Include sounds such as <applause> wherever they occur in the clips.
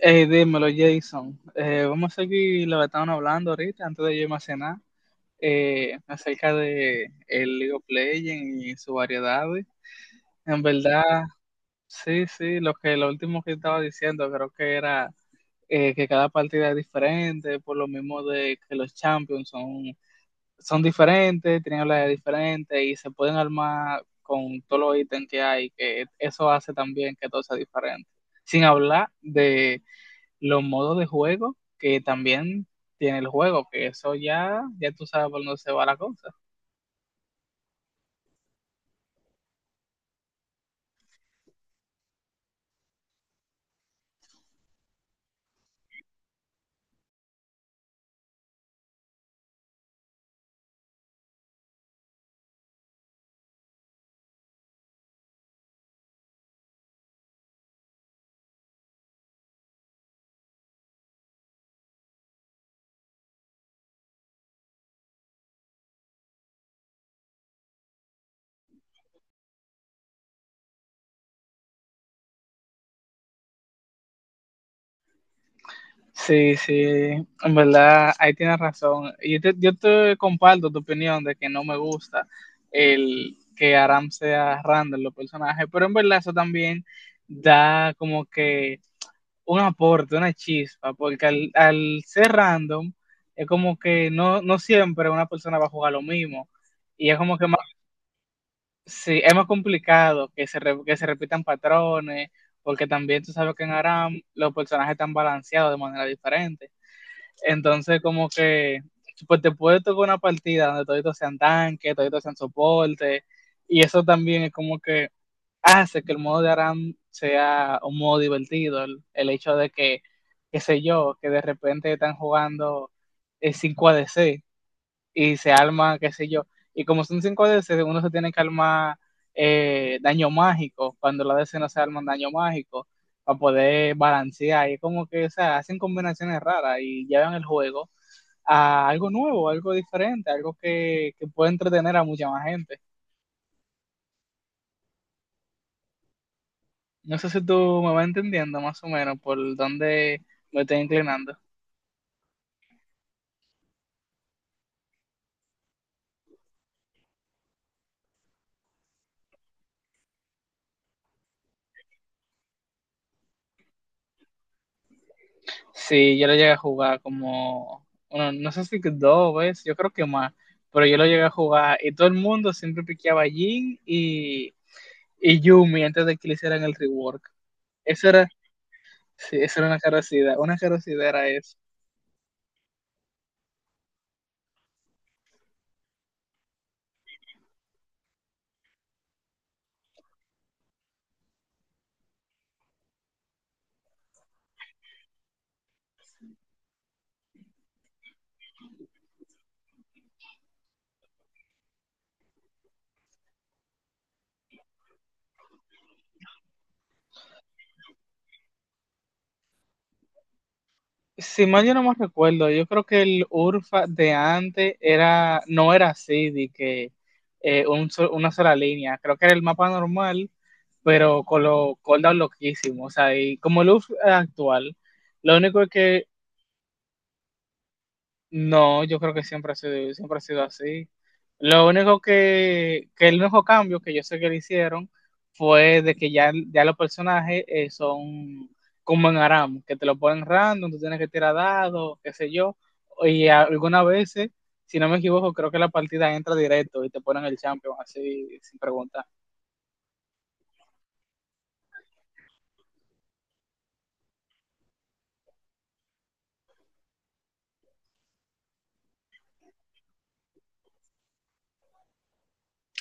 Dímelo, Jason. Vamos a seguir lo que estaban hablando ahorita, antes de yo irme a cenar, acerca de el League of Legends y sus variedades. En verdad, sí, sí, lo último que estaba diciendo, creo que era que cada partida es diferente, por lo mismo de que los champions son diferentes, tienen habilidades diferentes y se pueden armar con todos los ítems que hay, que eso hace también que todo sea diferente. Sin hablar de los modos de juego que también tiene el juego, que eso ya tú sabes por dónde se va la cosa. Sí, sí, en verdad, ahí tienes razón. Yo te comparto tu opinión de que no me gusta el que Aram sea random los personajes, pero en verdad eso también da como que un aporte, una chispa, porque al ser random es como que no, no siempre una persona va a jugar lo mismo, y es como que. Sí, es más complicado que que se repitan patrones, porque también tú sabes que en Aram los personajes están balanceados de manera diferente. Entonces, como que pues te puede tocar una partida donde toditos sean tanque, toditos sean soporte, y eso también es como que hace que el modo de Aram sea un modo divertido. El hecho de que, qué sé yo, que de repente están jugando 5 ADC y se arma, qué sé yo. Y como son 5D, uno se tiene que armar daño mágico, cuando la DC no se arman daño mágico, para poder balancear. Y es como que, o sea, hacen combinaciones raras y llevan el juego a algo nuevo, algo diferente, algo que puede entretener a mucha más gente. No sé si tú me vas entendiendo más o menos por dónde me estoy inclinando. Sí, yo lo llegué a jugar como, bueno, no sé si que dos veces, yo creo que más, pero yo lo llegué a jugar y todo el mundo siempre piqueaba a Jhin y Yumi antes de que le hicieran el rework. Eso era, sí, eso era una carosidad era eso. Si mal yo no me recuerdo, yo creo que el Urfa de antes era, no era así, de que una sola línea, creo que era el mapa normal, pero con los cooldowns loquísimos, o sea, y como el Urfa actual. Lo único es que. No, yo creo que siempre ha sido así. Lo único que el único cambio que yo sé que le hicieron fue de que ya los personajes son como en Aram, que te lo ponen random, tú tienes que tirar dados, qué sé yo, y algunas veces, si no me equivoco, creo que la partida entra directo y te ponen el champion así sin preguntar.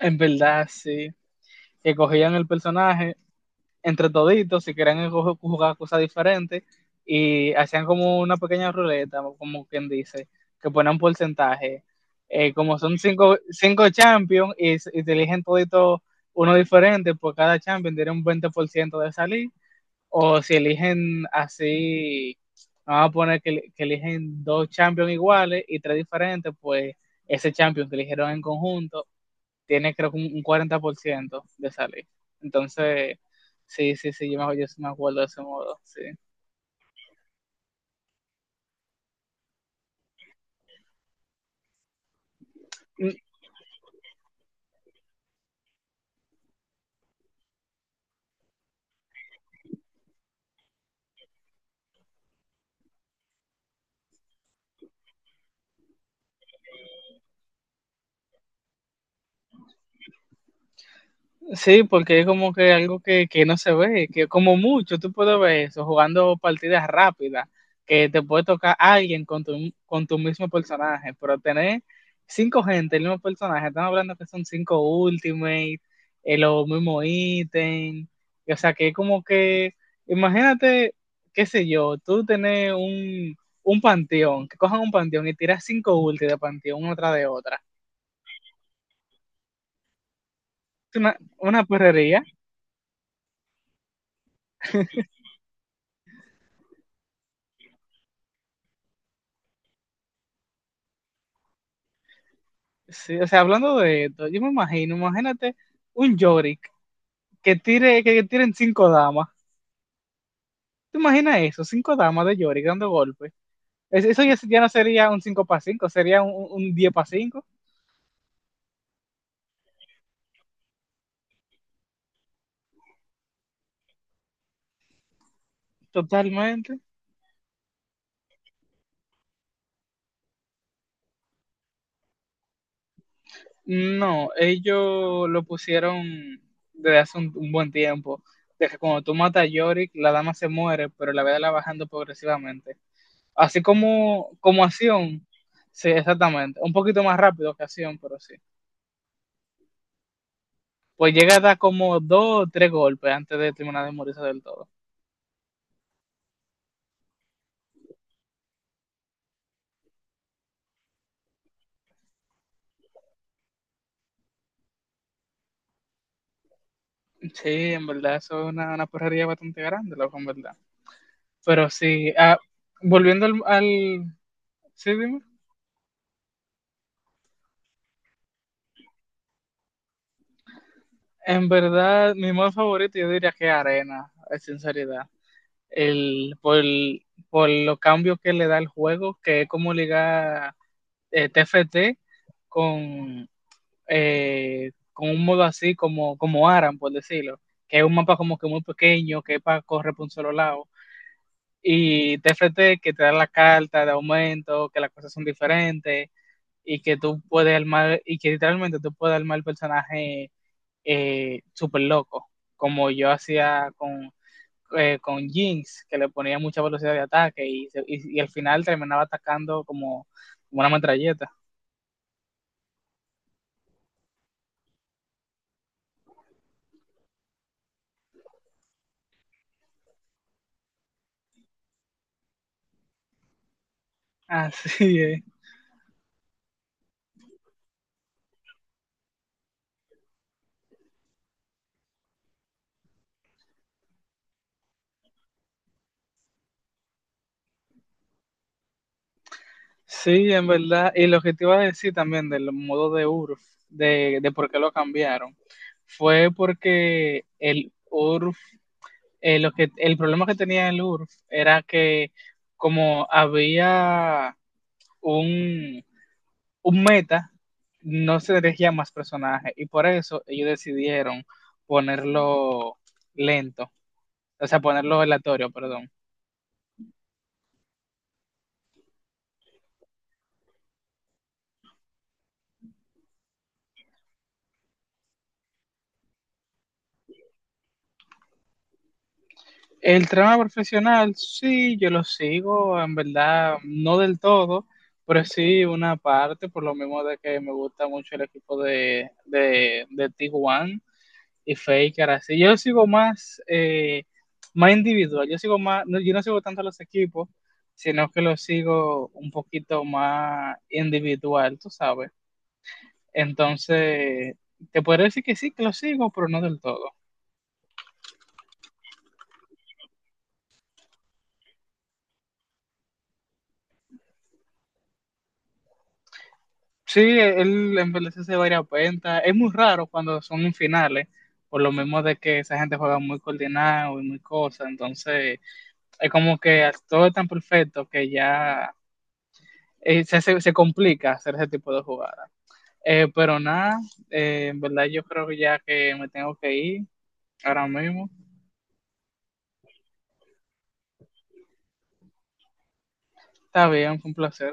En verdad, sí, que cogían el personaje entre toditos, si querían jugar cosas diferentes, y hacían como una pequeña ruleta, como quien dice, que ponían un porcentaje. Como son cinco champions y te eligen todito uno diferente, por cada champion tiene un 20% de salir, o si eligen así, vamos a poner que eligen dos champions iguales y tres diferentes, pues ese champion que eligieron en conjunto tiene creo que un 40% de salir. Entonces, sí, sí, sí, yo sí me acuerdo de ese modo, sí. Sí, porque es como que algo que no se ve, que como mucho tú puedes ver eso jugando partidas rápidas, que te puede tocar alguien con con tu mismo personaje, pero tener cinco gente, el mismo personaje, estamos hablando que son cinco ultimate, los mismos ítems, y, o sea que es como que, imagínate, qué sé yo, un panteón, que cojan un panteón y tiras cinco ulti de panteón una tras de otra. Es una perrería. Sí, o sea, hablando de esto, yo me imagino, imagínate un Yorick que tire, que tiren cinco damas. ¿Te imaginas eso? Cinco damas de Yorick dando golpes. Eso ya no sería un 5 para 5, sería un 10 para 5, totalmente. No, ellos lo pusieron desde hace un buen tiempo. De que cuando tú matas a Yorick, la dama se muere, pero la vida la va bajando progresivamente. Así como, como acción, sí, exactamente. Un poquito más rápido que acción, pero sí. Pues llega a dar como dos o tres golpes antes de terminar de morirse del todo. Sí, en verdad, eso es una porrería bastante grande, loco, en verdad. Pero sí, ah, volviendo Sí, dime. En verdad, mi modo favorito yo diría que Arena, en sinceridad. Por los cambios que le da el juego, que es como ligar TFT con, con un modo así como, como Aran, por decirlo. Que es un mapa como que muy pequeño, que es para correr por un solo lado y de frente que te dan la carta de aumento, que las cosas son diferentes y que tú puedes armar, y que literalmente tú puedes armar el personaje súper loco, como yo hacía con Jinx, que le ponía mucha velocidad de ataque y al final terminaba atacando como, como una metralleta. <laughs> Así es. Sí, en verdad. Y lo que te iba a decir también del modo de URF, de por qué lo cambiaron, fue porque el URF el problema que tenía el URF era que como había un, un meta, no se elegía más personajes y por eso ellos decidieron ponerlo lento, o sea, ponerlo aleatorio, perdón. El trama profesional, sí, yo lo sigo, en verdad, no del todo, pero sí una parte, por lo mismo de que me gusta mucho el equipo de Tijuana y Faker así. Yo sigo más, más individual, yo sigo más, no, yo no sigo tanto los equipos, sino que los sigo un poquito más individual, tú sabes. Entonces, te puedo decir que sí, que lo sigo, pero no del todo. Sí, él envejece varias cuentas. Es muy raro cuando son en finales, por lo mismo de que esa gente juega muy coordinado y muy cosa. Entonces, es como que todo es tan perfecto que ya se complica hacer ese tipo de jugadas. Pero nada, en verdad yo creo que ya que me tengo que ir ahora mismo. Está bien, fue un placer.